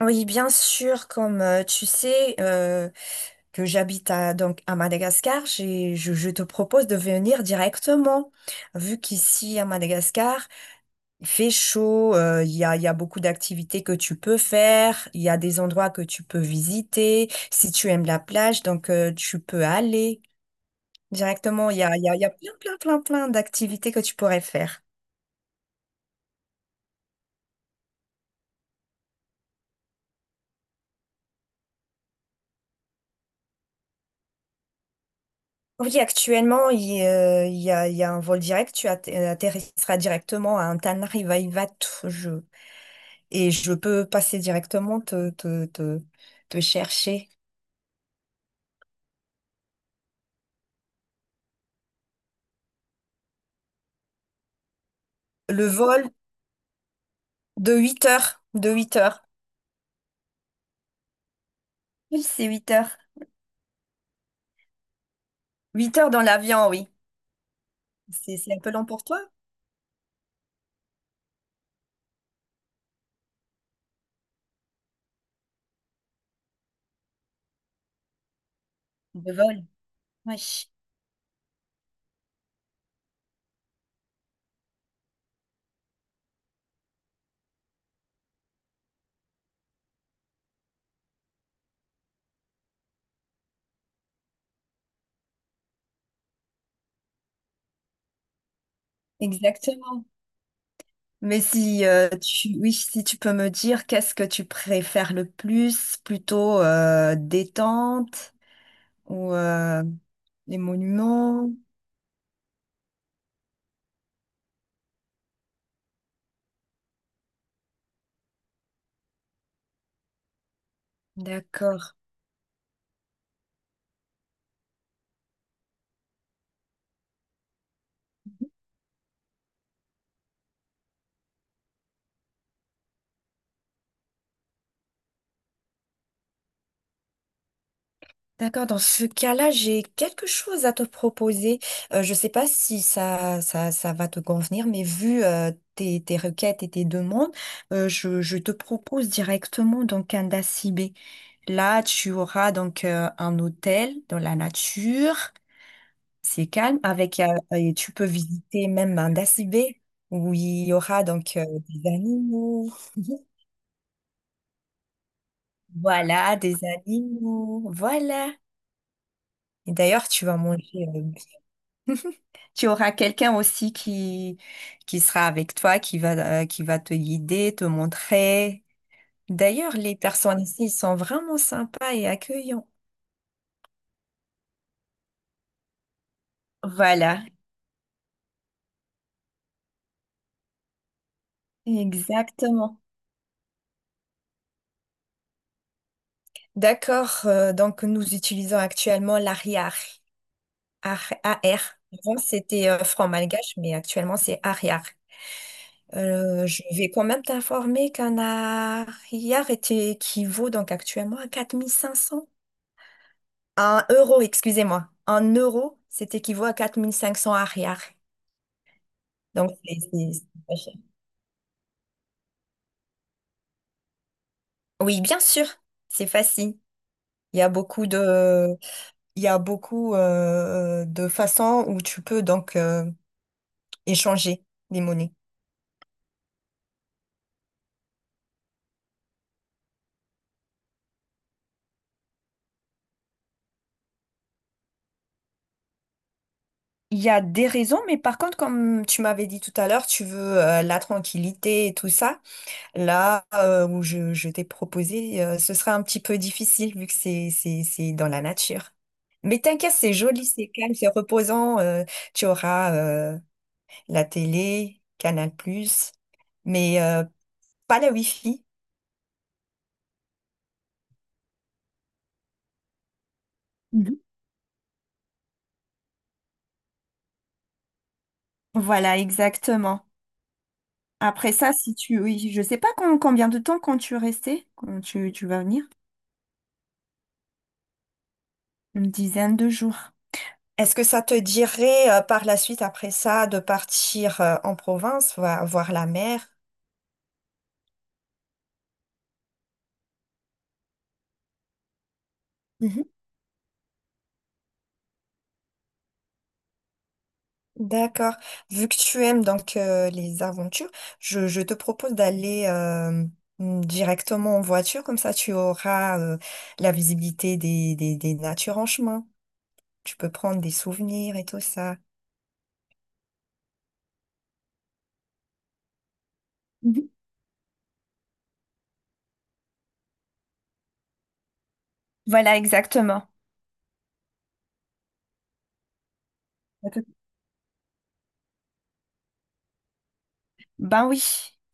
Oui, bien sûr, comme tu sais que j'habite à, donc à Madagascar, je te propose de venir directement, vu qu'ici à Madagascar, il fait chaud, il y a beaucoup d'activités que tu peux faire, il y a des endroits que tu peux visiter, si tu aimes la plage, donc tu peux aller directement, il y a, il y a, il y a plein, plein, plein, plein d'activités que tu pourrais faire. Oui, actuellement, il y a un vol direct. Tu atterrisseras directement à Antananarivoto. Et je peux passer directement te chercher. Le vol de 8 heures. De 8 heures. Oui, c'est 8 heures. 8 heures dans l'avion, oui. C'est un peu long pour toi, le vol. Oui, exactement. Mais si, oui, si tu peux me dire qu'est-ce que tu préfères le plus, plutôt détente ou les monuments. D'accord. D'accord. Dans ce cas-là, j'ai quelque chose à te proposer. Je ne sais pas si ça va te convenir, mais vu tes requêtes et tes demandes, je te propose directement donc un dacibé. Là, tu auras donc un hôtel dans la nature, c'est calme, avec et tu peux visiter même un dacibé où il y aura donc des animaux. Voilà, des animaux. Voilà. Et d'ailleurs, tu vas manger. Tu auras quelqu'un aussi qui sera avec toi, qui va te guider, te montrer. D'ailleurs, les personnes ici ils sont vraiment sympas et accueillants. Voilà, exactement. D'accord, donc nous utilisons actuellement l'ARIAR. AR, AR. Avant, c'était franc malgache, mais actuellement, c'est ARIAR. Je vais quand même t'informer qu'un ARIAR équivaut donc actuellement à 4500. Un euro, excusez-moi. Un euro, c'est équivaut à 4 500 arrière. Donc, c'est pas cher. Oui, bien sûr, c'est facile. Il y a beaucoup de, il y a beaucoup de façons où tu peux donc échanger les monnaies. Il y a des raisons, mais par contre, comme tu m'avais dit tout à l'heure, tu veux la tranquillité et tout ça. Là où je t'ai proposé, ce sera un petit peu difficile vu que c'est dans la nature. Mais t'inquiète, c'est joli, c'est calme, c'est reposant. Tu auras la télé, Canal+, mais pas la Wi-Fi. Mhm. Voilà, exactement. Après ça, si tu... Oui, je sais pas combien de temps quand tu restais, quand tu vas venir. Une dizaine de jours. Est-ce que ça te dirait par la suite, après ça, de partir en province, voir la mer? D'accord. Vu que tu aimes donc les aventures, je te propose d'aller directement en voiture, comme ça tu auras la visibilité des natures en chemin. Tu peux prendre des souvenirs et tout ça. Mhm. Voilà, exactement. À tout- Ben oui.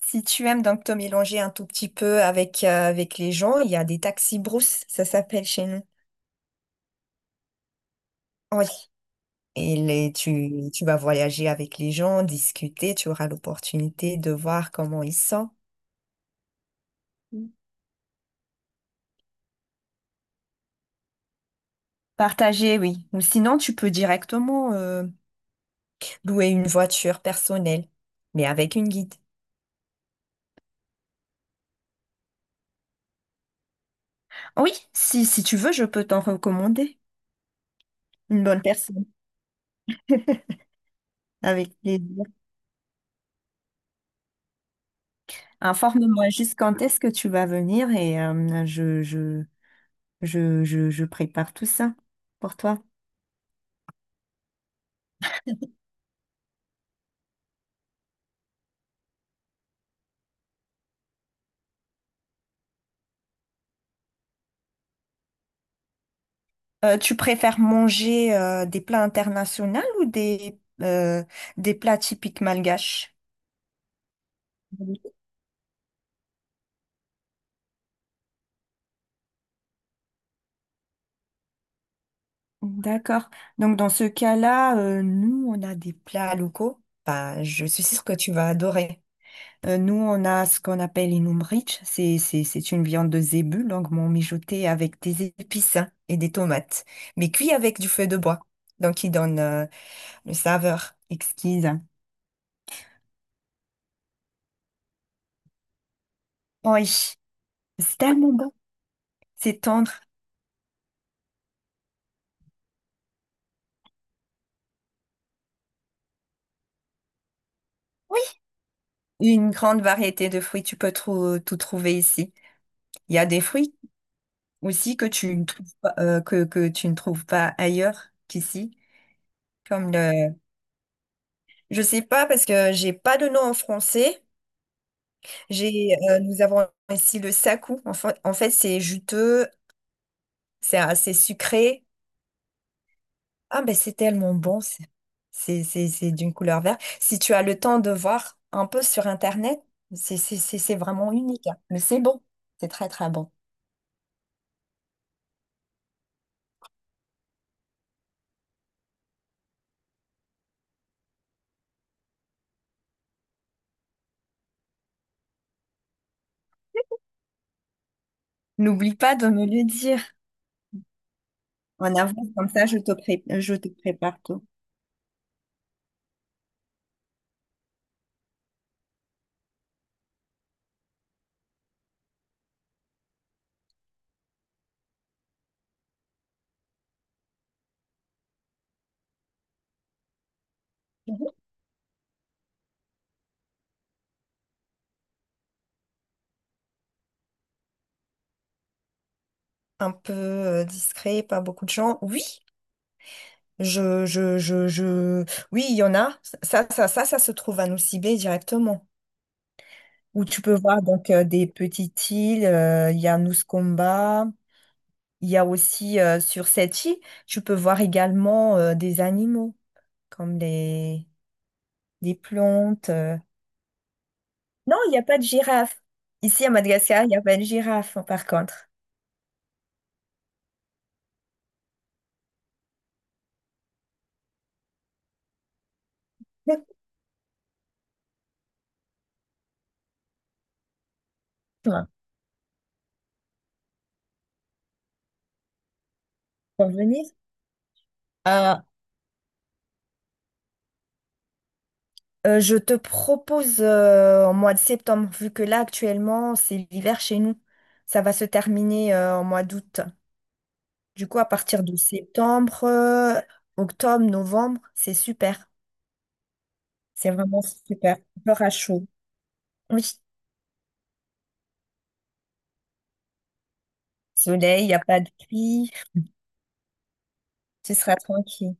Si tu aimes donc te mélanger un tout petit peu avec les gens, il y a des taxis brousse, ça s'appelle chez nous. Oui. Et tu vas voyager avec les gens, discuter, tu auras l'opportunité de voir comment ils sont. Partager, oui. Ou sinon, tu peux directement louer une voiture personnelle, mais avec une guide. Ah oui, si tu veux, je peux t'en recommander une bonne personne. Avec plaisir. Informe-moi juste quand est-ce que tu vas venir et je prépare tout ça pour toi. Tu préfères manger des plats internationaux ou des plats typiques malgaches? D'accord. Donc dans ce cas-là, nous, on a des plats locaux. Bah, je suis sûre que tu vas adorer. Nous, on a ce qu'on appelle une umbric. C'est une viande de zébu, longuement mijotée avec des épices hein, et des tomates, mais cuit avec du feu de bois. Donc, qui donne une saveur exquise. Oui, c'est tellement bon. C'est tendre. Une grande variété de fruits, tu peux tout trouver ici. Il y a des fruits aussi que tu ne trouves pas, que tu ne trouves pas ailleurs qu'ici. Comme le... Je sais pas parce que j'ai pas de nom en français. Nous avons ici le sakou. En fait, c'est juteux, c'est assez sucré. Ah ben c'est tellement bon. C'est d'une couleur verte. Si tu as le temps de voir un peu sur Internet, c'est vraiment unique, hein. Mais c'est bon. C'est très très bon. N'oublie pas de me le dire en avance, comme ça je te prépare tout. Mhm. Un peu discret, pas beaucoup de gens. Oui, Je, je, je, je... oui, il y en a. Ça se trouve à Nosy Be directement. Où tu peux voir donc des petites îles. Il y a Koumba. Il y a aussi sur cette île, tu peux voir également des animaux comme les plantes. Non, il n'y a pas de girafe. Ici à Madagascar, il n'y a pas de girafe hein, par contre. Pour venir. Euh, je te propose en mois de septembre, vu que là actuellement c'est l'hiver chez nous. Ça va se terminer en mois d'août. Du coup, à partir de septembre, octobre, novembre, c'est super. C'est vraiment super. Peur à chaud. Oui, soleil, il n'y a pas de pluie, tu seras tranquille.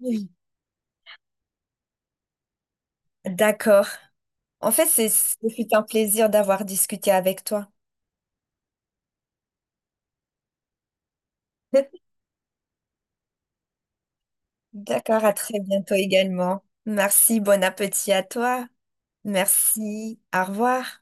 Oui. D'accord. En fait, ce fut un plaisir d'avoir discuté avec toi. D'accord, à très bientôt également. Merci, bon appétit à toi. Merci, au revoir.